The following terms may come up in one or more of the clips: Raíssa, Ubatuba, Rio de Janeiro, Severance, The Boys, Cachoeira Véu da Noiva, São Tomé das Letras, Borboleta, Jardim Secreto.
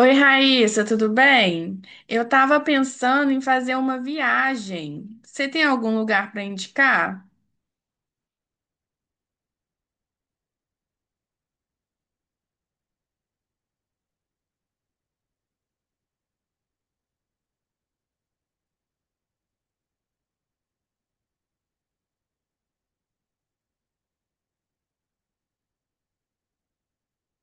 Oi, Raíssa, tudo bem? Eu estava pensando em fazer uma viagem. Você tem algum lugar para indicar?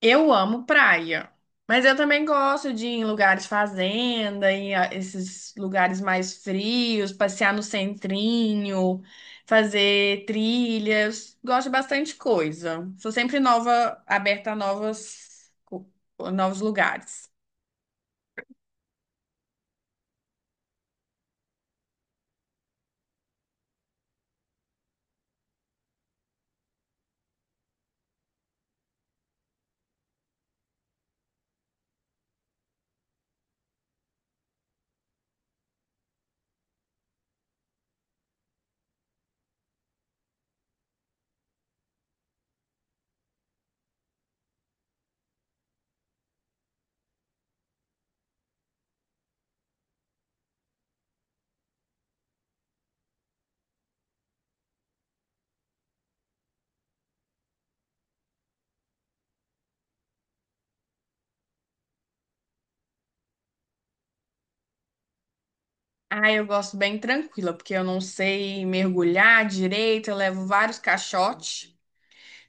Eu amo praia, mas eu também gosto de ir em lugares fazenda, em esses lugares mais frios, passear no centrinho, fazer trilhas. Gosto de bastante coisa. Sou sempre nova, aberta a novas, novos lugares. Ah, eu gosto bem tranquila, porque eu não sei mergulhar direito, eu levo vários caixotes.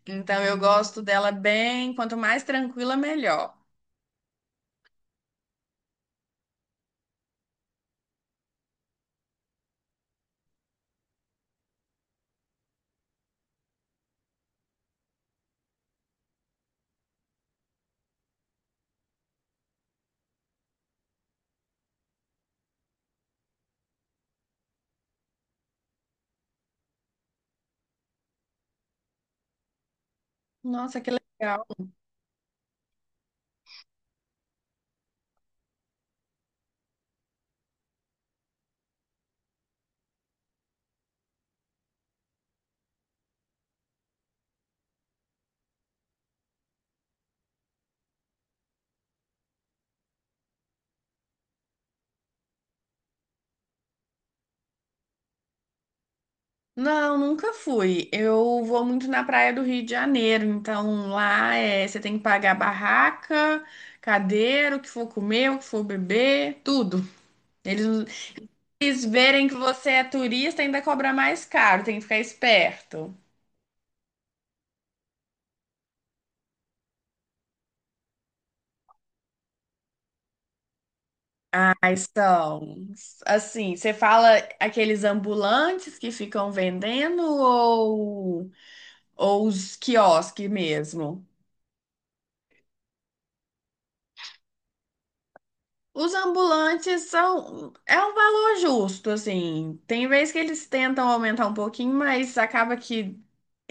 Então eu gosto dela bem, quanto mais tranquila, melhor. Nossa, que legal. Não, nunca fui. Eu vou muito na praia do Rio de Janeiro, então lá é, você tem que pagar barraca, cadeira, o que for comer, o que for beber, tudo. Eles, eles verem que você é turista, ainda cobra mais caro, tem que ficar esperto. Aí são, assim, você fala aqueles ambulantes que ficam vendendo ou os quiosques mesmo? Os ambulantes são, é um valor justo, assim. Tem vezes que eles tentam aumentar um pouquinho, mas acaba que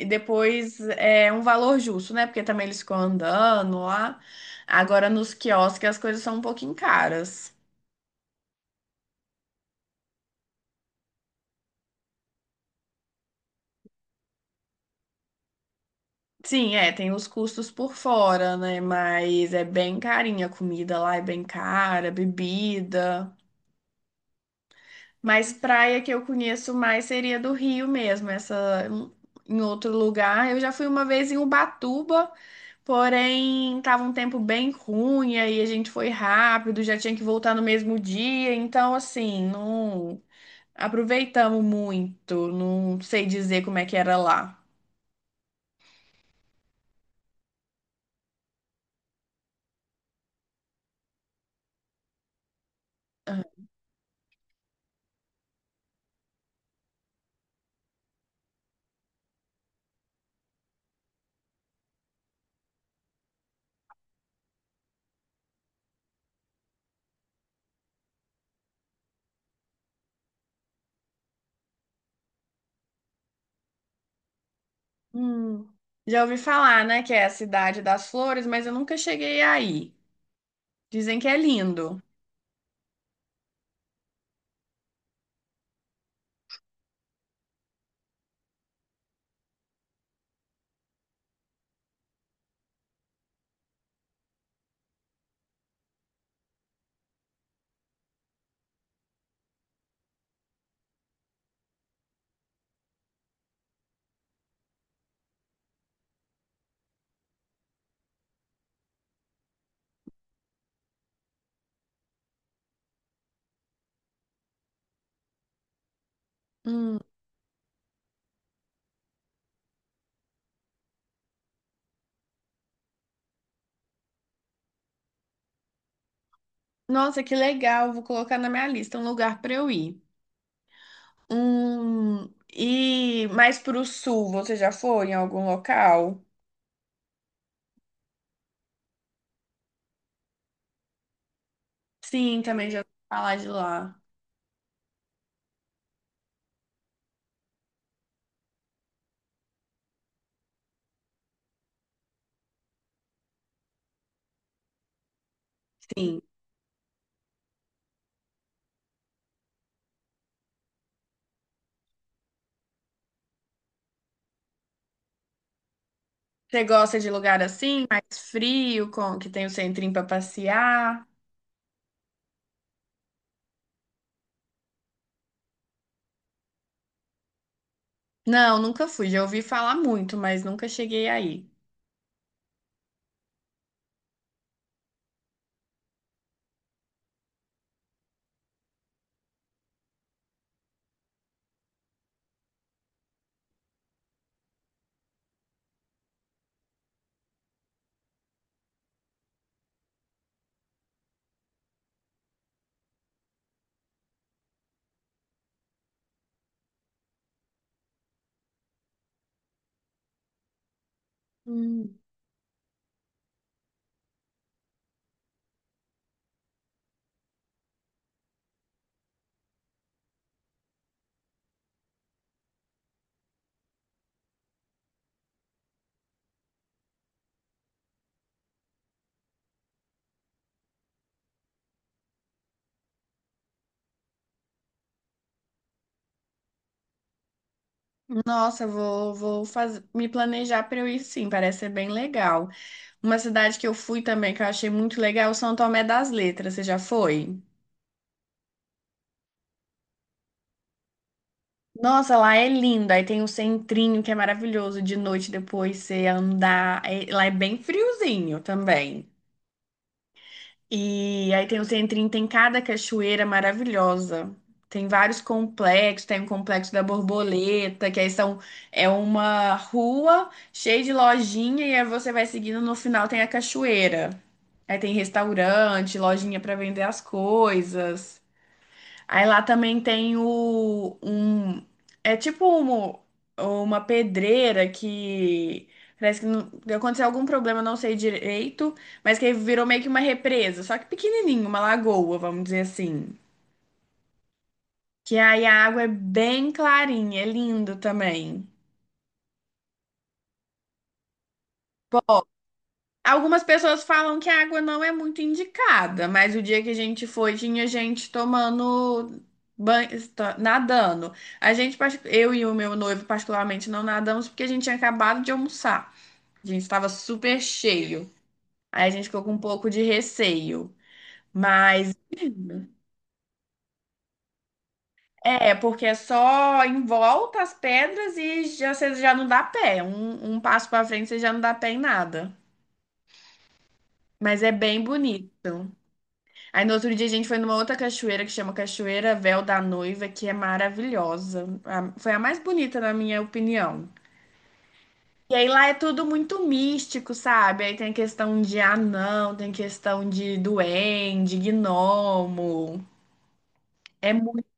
depois é um valor justo, né? Porque também eles ficam andando lá. Agora nos quiosques as coisas são um pouquinho caras. Sim, é, tem os custos por fora, né? Mas é bem carinha a comida lá, é bem cara, bebida. Mas praia que eu conheço mais seria do Rio mesmo, essa em outro lugar. Eu já fui uma vez em Ubatuba, porém tava um tempo bem ruim, aí a gente foi rápido, já tinha que voltar no mesmo dia, então assim, não aproveitamos muito, não sei dizer como é que era lá. Hum. Já ouvi falar, né, que é a cidade das flores, mas eu nunca cheguei aí. Dizem que é lindo. Hum. Nossa, que legal! Vou colocar na minha lista um lugar para eu ir. Hum. E mais pro sul, você já foi em algum local? Sim, também já ouvi falar de lá. Sim. Você gosta de lugar assim, mais frio, com que tem o centrinho para passear? Não, nunca fui. Já ouvi falar muito, mas nunca cheguei aí. Hum. Nossa, vou me planejar para eu ir sim, parece ser bem legal. Uma cidade que eu fui também, que eu achei muito legal, São Tomé das Letras, você já foi? Nossa, lá é lindo, aí tem o centrinho que é maravilhoso de noite depois você andar, lá é bem friozinho também. E aí tem o centrinho, tem cada cachoeira maravilhosa. Tem vários complexos, tem o complexo da Borboleta, que aí são, é uma rua cheia de lojinha e aí você vai seguindo, no final tem a cachoeira. Aí tem restaurante, lojinha para vender as coisas. Aí lá também tem o um é tipo uma pedreira que parece que aconteceu algum problema, não sei direito, mas que virou meio que uma represa, só que pequenininho, uma lagoa, vamos dizer assim. Que aí a água é bem clarinha, é lindo também. Algumas pessoas falam que a água não é muito indicada, mas o dia que a gente foi, tinha gente tomando banho, nadando. A gente, eu e o meu noivo, particularmente, não nadamos porque a gente tinha acabado de almoçar. A gente estava super cheio. Aí a gente ficou com um pouco de receio. Mas é, porque é só em volta as pedras e já, você já não dá pé. Um passo para frente, você já não dá pé em nada. Mas é bem bonito. Aí no outro dia a gente foi numa outra cachoeira que chama Cachoeira Véu da Noiva, que é maravilhosa. Foi a mais bonita, na minha opinião. E aí lá é tudo muito místico, sabe? Aí tem a questão de anão, tem questão de duende, gnomo. É muito.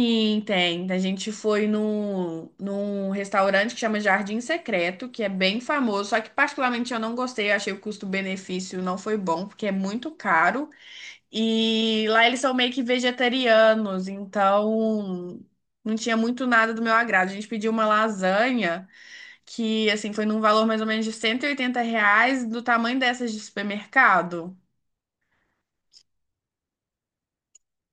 Sim, tem. A gente foi num, restaurante que chama Jardim Secreto, que é bem famoso, só que particularmente eu não gostei, eu achei o custo-benefício não foi bom, porque é muito caro. E lá eles são meio que vegetarianos, então não tinha muito nada do meu agrado. A gente pediu uma lasanha que, assim, foi num valor mais ou menos de R$ 180, do tamanho dessas de supermercado.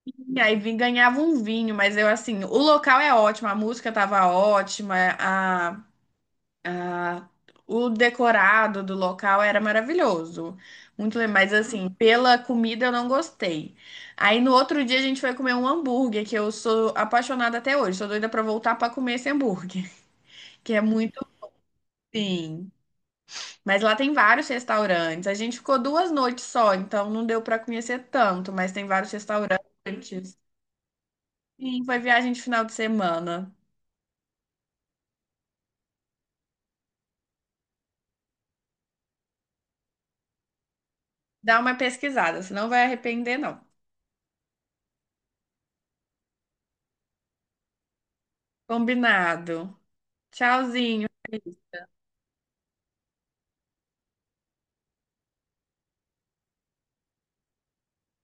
E aí vim, ganhava um vinho, mas eu, assim, o local é ótimo, a música tava ótima. Ah, o decorado do local era maravilhoso. Muito, mas assim, pela comida eu não gostei. Aí no outro dia a gente foi comer um hambúrguer que eu sou apaixonada até hoje. Sou doida pra voltar pra comer esse hambúrguer, que é muito sim. Mas lá tem vários restaurantes. A gente ficou 2 noites só, então não deu pra conhecer tanto, mas tem vários restaurantes. Sim, foi viagem de final de semana. Dá uma pesquisada, você não vai arrepender, não. Combinado. Tchauzinho.